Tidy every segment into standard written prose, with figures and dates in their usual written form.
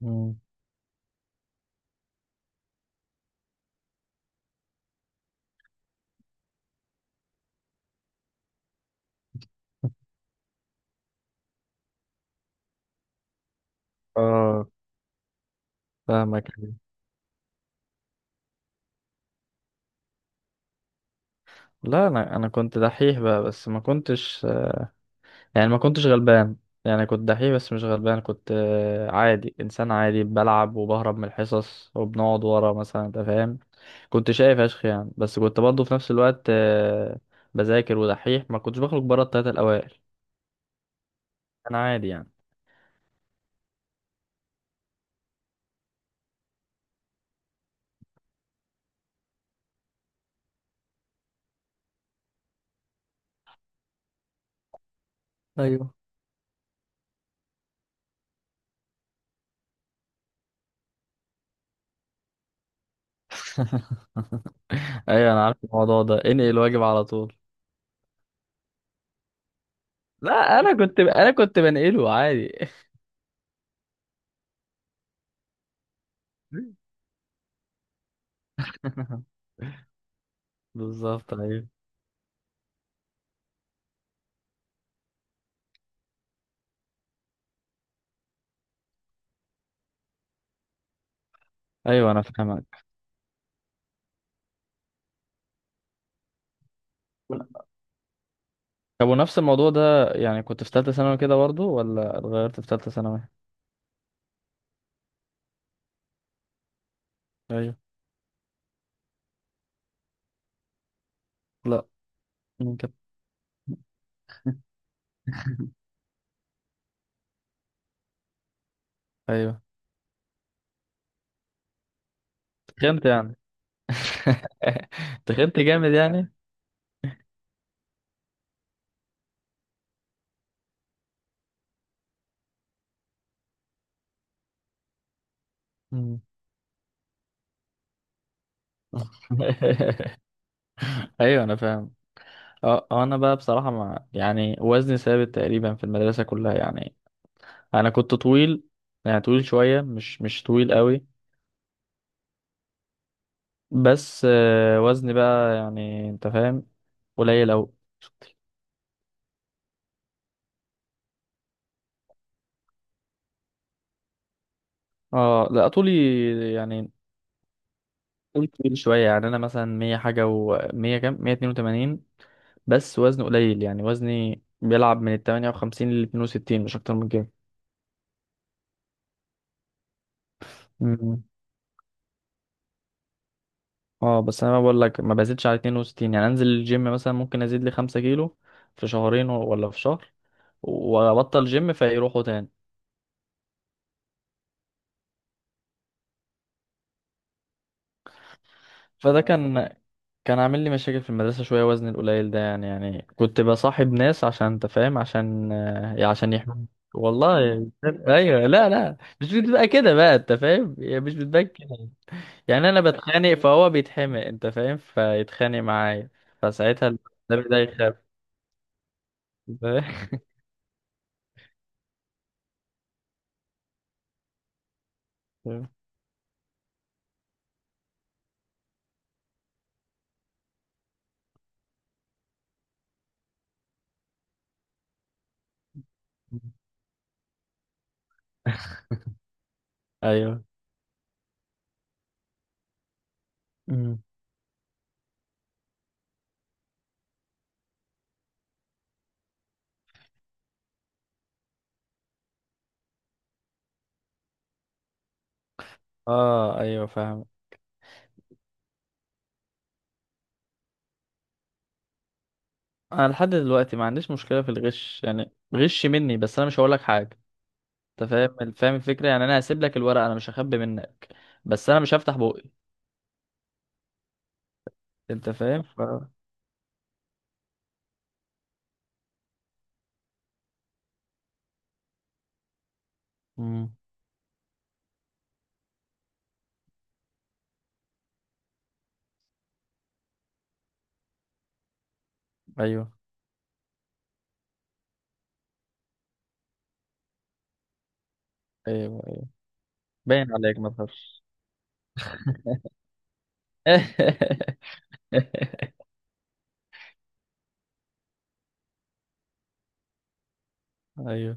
مم. اه، فاهمك. لا، انا كنت دحيح بقى بس ما كنتش، يعني ما كنتش غلبان. يعني كنت دحيح بس مش غلبان، كنت عادي، انسان عادي، بلعب وبهرب من الحصص وبنقعد ورا مثلا، انت فاهم. كنت شايف اشخ يعني، بس كنت برضه في نفس الوقت بذاكر ودحيح، ما كنتش بخرج بره التلاتة الاوائل. انا عادي يعني. ايوه. ايوه، انا عارف الموضوع ده، انقل الواجب على طول. لا، انا كنت بنقله عادي. بالظبط. ايوه. ايوه انا فاهمك. طب ونفس الموضوع ده، يعني كنت في ثالثة ثانوي كده برضه، ولا اتغيرت في ثالثة ثانوي؟ ايوه. لا، مين كده؟ ايوه، تخنت يعني. تخنت جامد يعني. مم. ايوه انا فاهم. انا بقى بصراحة، مع يعني وزني ثابت تقريبا في المدرسة كلها يعني. انا كنت طويل، يعني طويل شوية، مش طويل قوي. بس وزني بقى، يعني انت فاهم، قليل قوي. اه لا، طولي يعني وزنه تقيل شوية يعني. أنا مثلا مية حاجة، ومية كام، 182. بس وزني قليل يعني، وزني بيلعب من التمانية وخمسين لاتنين وستين، مش أكتر من كده. مم. اه بس أنا بقول لك، ما بزيدش على 62. يعني أنزل الجيم مثلا ممكن أزيد لي 5 كيلو في شهرين، ولا في شهر، وأبطل جيم فيروحوا تاني. فده كان عامل لي مشاكل في المدرسة شوية، وزني القليل ده يعني كنت بصاحب ناس عشان، انت فاهم، عشان يحموني. والله. ايوه، لا لا، مش بتبقى كده بقى، انت فاهم، هي مش بتبقى كده. يعني انا بتخانق فهو بيتحمق، انت فاهم، فيتخانق معايا. فساعتها النبي ده يخاف. أنت فاهم؟ ايوه. مم. اه، ايوه فاهم. انا لحد دلوقتي ما عنديش مشكلة في الغش، يعني غش مني، بس انا مش هقول لك حاجة. انت فاهم، فاهم الفكره. يعني انا هسيب لك الورقه، انا مش هخبي منك، بس انا مش هفتح بوقي. انت فاهم؟ ف امم ايوه ايوه ايوه، باين عليك ما تخافش. ايوه.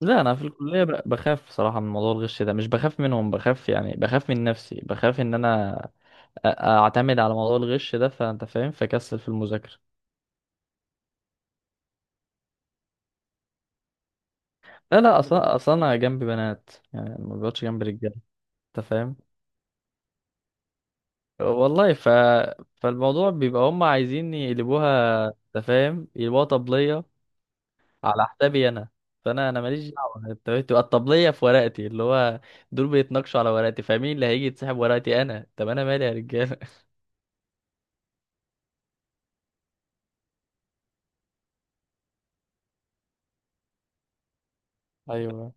لا، انا في الكليه بخاف صراحه من موضوع الغش ده. مش بخاف منهم، بخاف يعني بخاف من نفسي، بخاف ان انا اعتمد على موضوع الغش ده، فانت فاهم، فكسل في المذاكره. لا لا، اصلا اصلا انا جنبي بنات، يعني ما بقعدش جنب رجاله. انت فاهم. والله. فالموضوع بيبقى هم عايزين يقلبوها، انت فاهم، يقلبوها طبليه على حسابي انا. فانا ماليش دعوه. انت فاهم؟ تبقى الطبليه في ورقتي، اللي هو دول بيتناقشوا على ورقتي، فمين اللي هيجي يتسحب ورقتي؟ انا طب انا مالي يا رجاله؟ ايوه.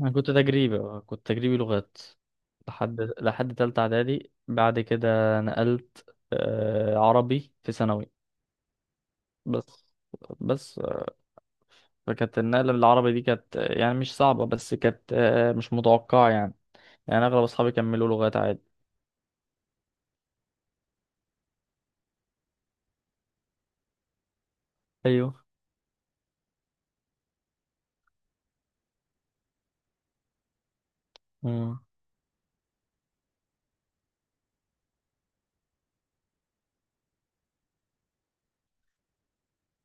انا كنت تجريبي، لغات لحد تالتة اعدادي، بعد كده نقلت عربي في ثانوي. بس بس فكانت النقلة للعربي دي كانت يعني مش صعبة، بس كانت مش متوقعة يعني. يعني اغلب اصحابي كملوا لغات عادي. ايوه. امم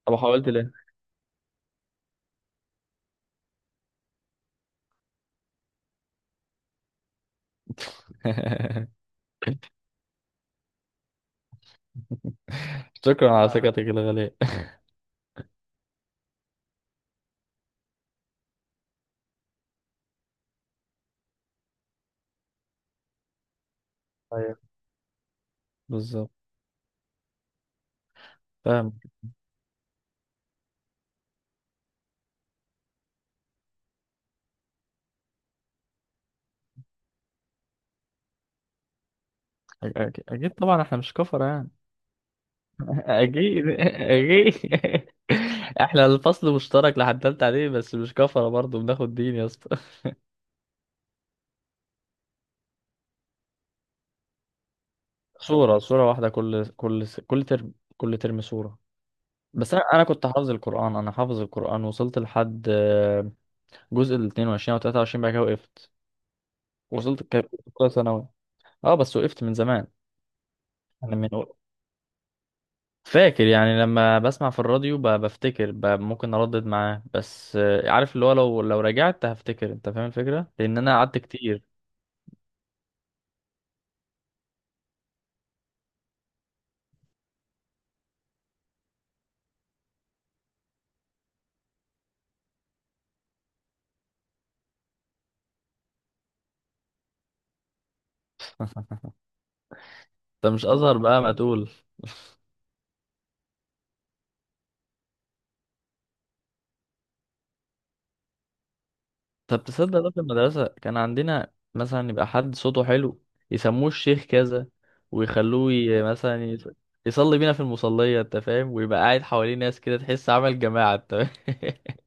طب حاولت ليه؟ شكرا على ثقتك الغالية. ايوه، بالظبط، فاهم. اكيد طبعا، احنا مش كفر يعني. اكيد اكيد. احنا الفصل مشترك لحد تالتة عليه، بس مش كفرة برضه، بناخد دين يا اسطى. صورة واحدة، كل ترم، كل ترم صورة. بس انا كنت حافظ القرآن. انا حافظ القرآن، وصلت لحد جزء ال 22 او 23، بعد كده وقفت. وصلت كنت في اولى ثانوي. اه بس وقفت من زمان. انا فاكر يعني، لما بسمع في الراديو بفتكر، ممكن اردد معاه. بس عارف اللي هو، لو لو رجعت هفتكر، انت فاهم الفكره، لان انا قعدت كتير. انت مش ازهر بقى، ما تقول. طب تصدق، ده في المدرسه كان عندنا مثلا يبقى حد صوته حلو، يسموه الشيخ كذا، ويخلوه مثلا يصلي بينا في المصليه. انت فاهم، ويبقى قاعد حواليه ناس كده، تحس عمل جماعه، انت فاهم؟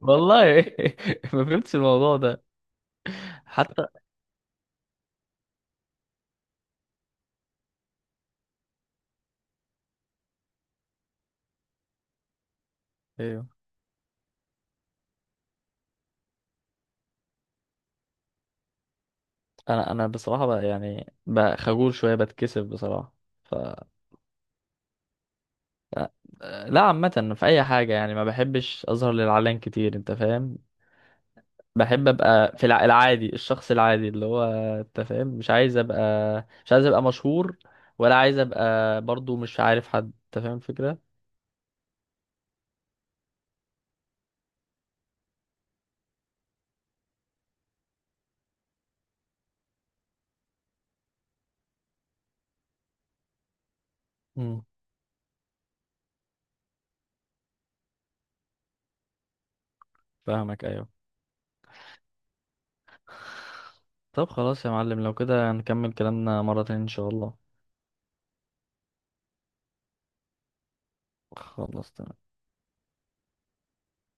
والله. ما فهمتش الموضوع ده حتى. انا بصراحه بقى يعني بقى خجول شويه، بتكسف بصراحه. ف لا، عامه في اي حاجه يعني ما بحبش اظهر للعلن كتير، انت فاهم. بحب ابقى في العادي، الشخص العادي اللي هو، انت فاهم، مش عايز ابقى مشهور، ولا عايز ابقى برضو مش عارف حد. انت فاهم الفكره. امم فاهمك. ايوه طب خلاص يا معلم، لو كده هنكمل كلامنا مره تانية ان شاء الله. خلاص تمام.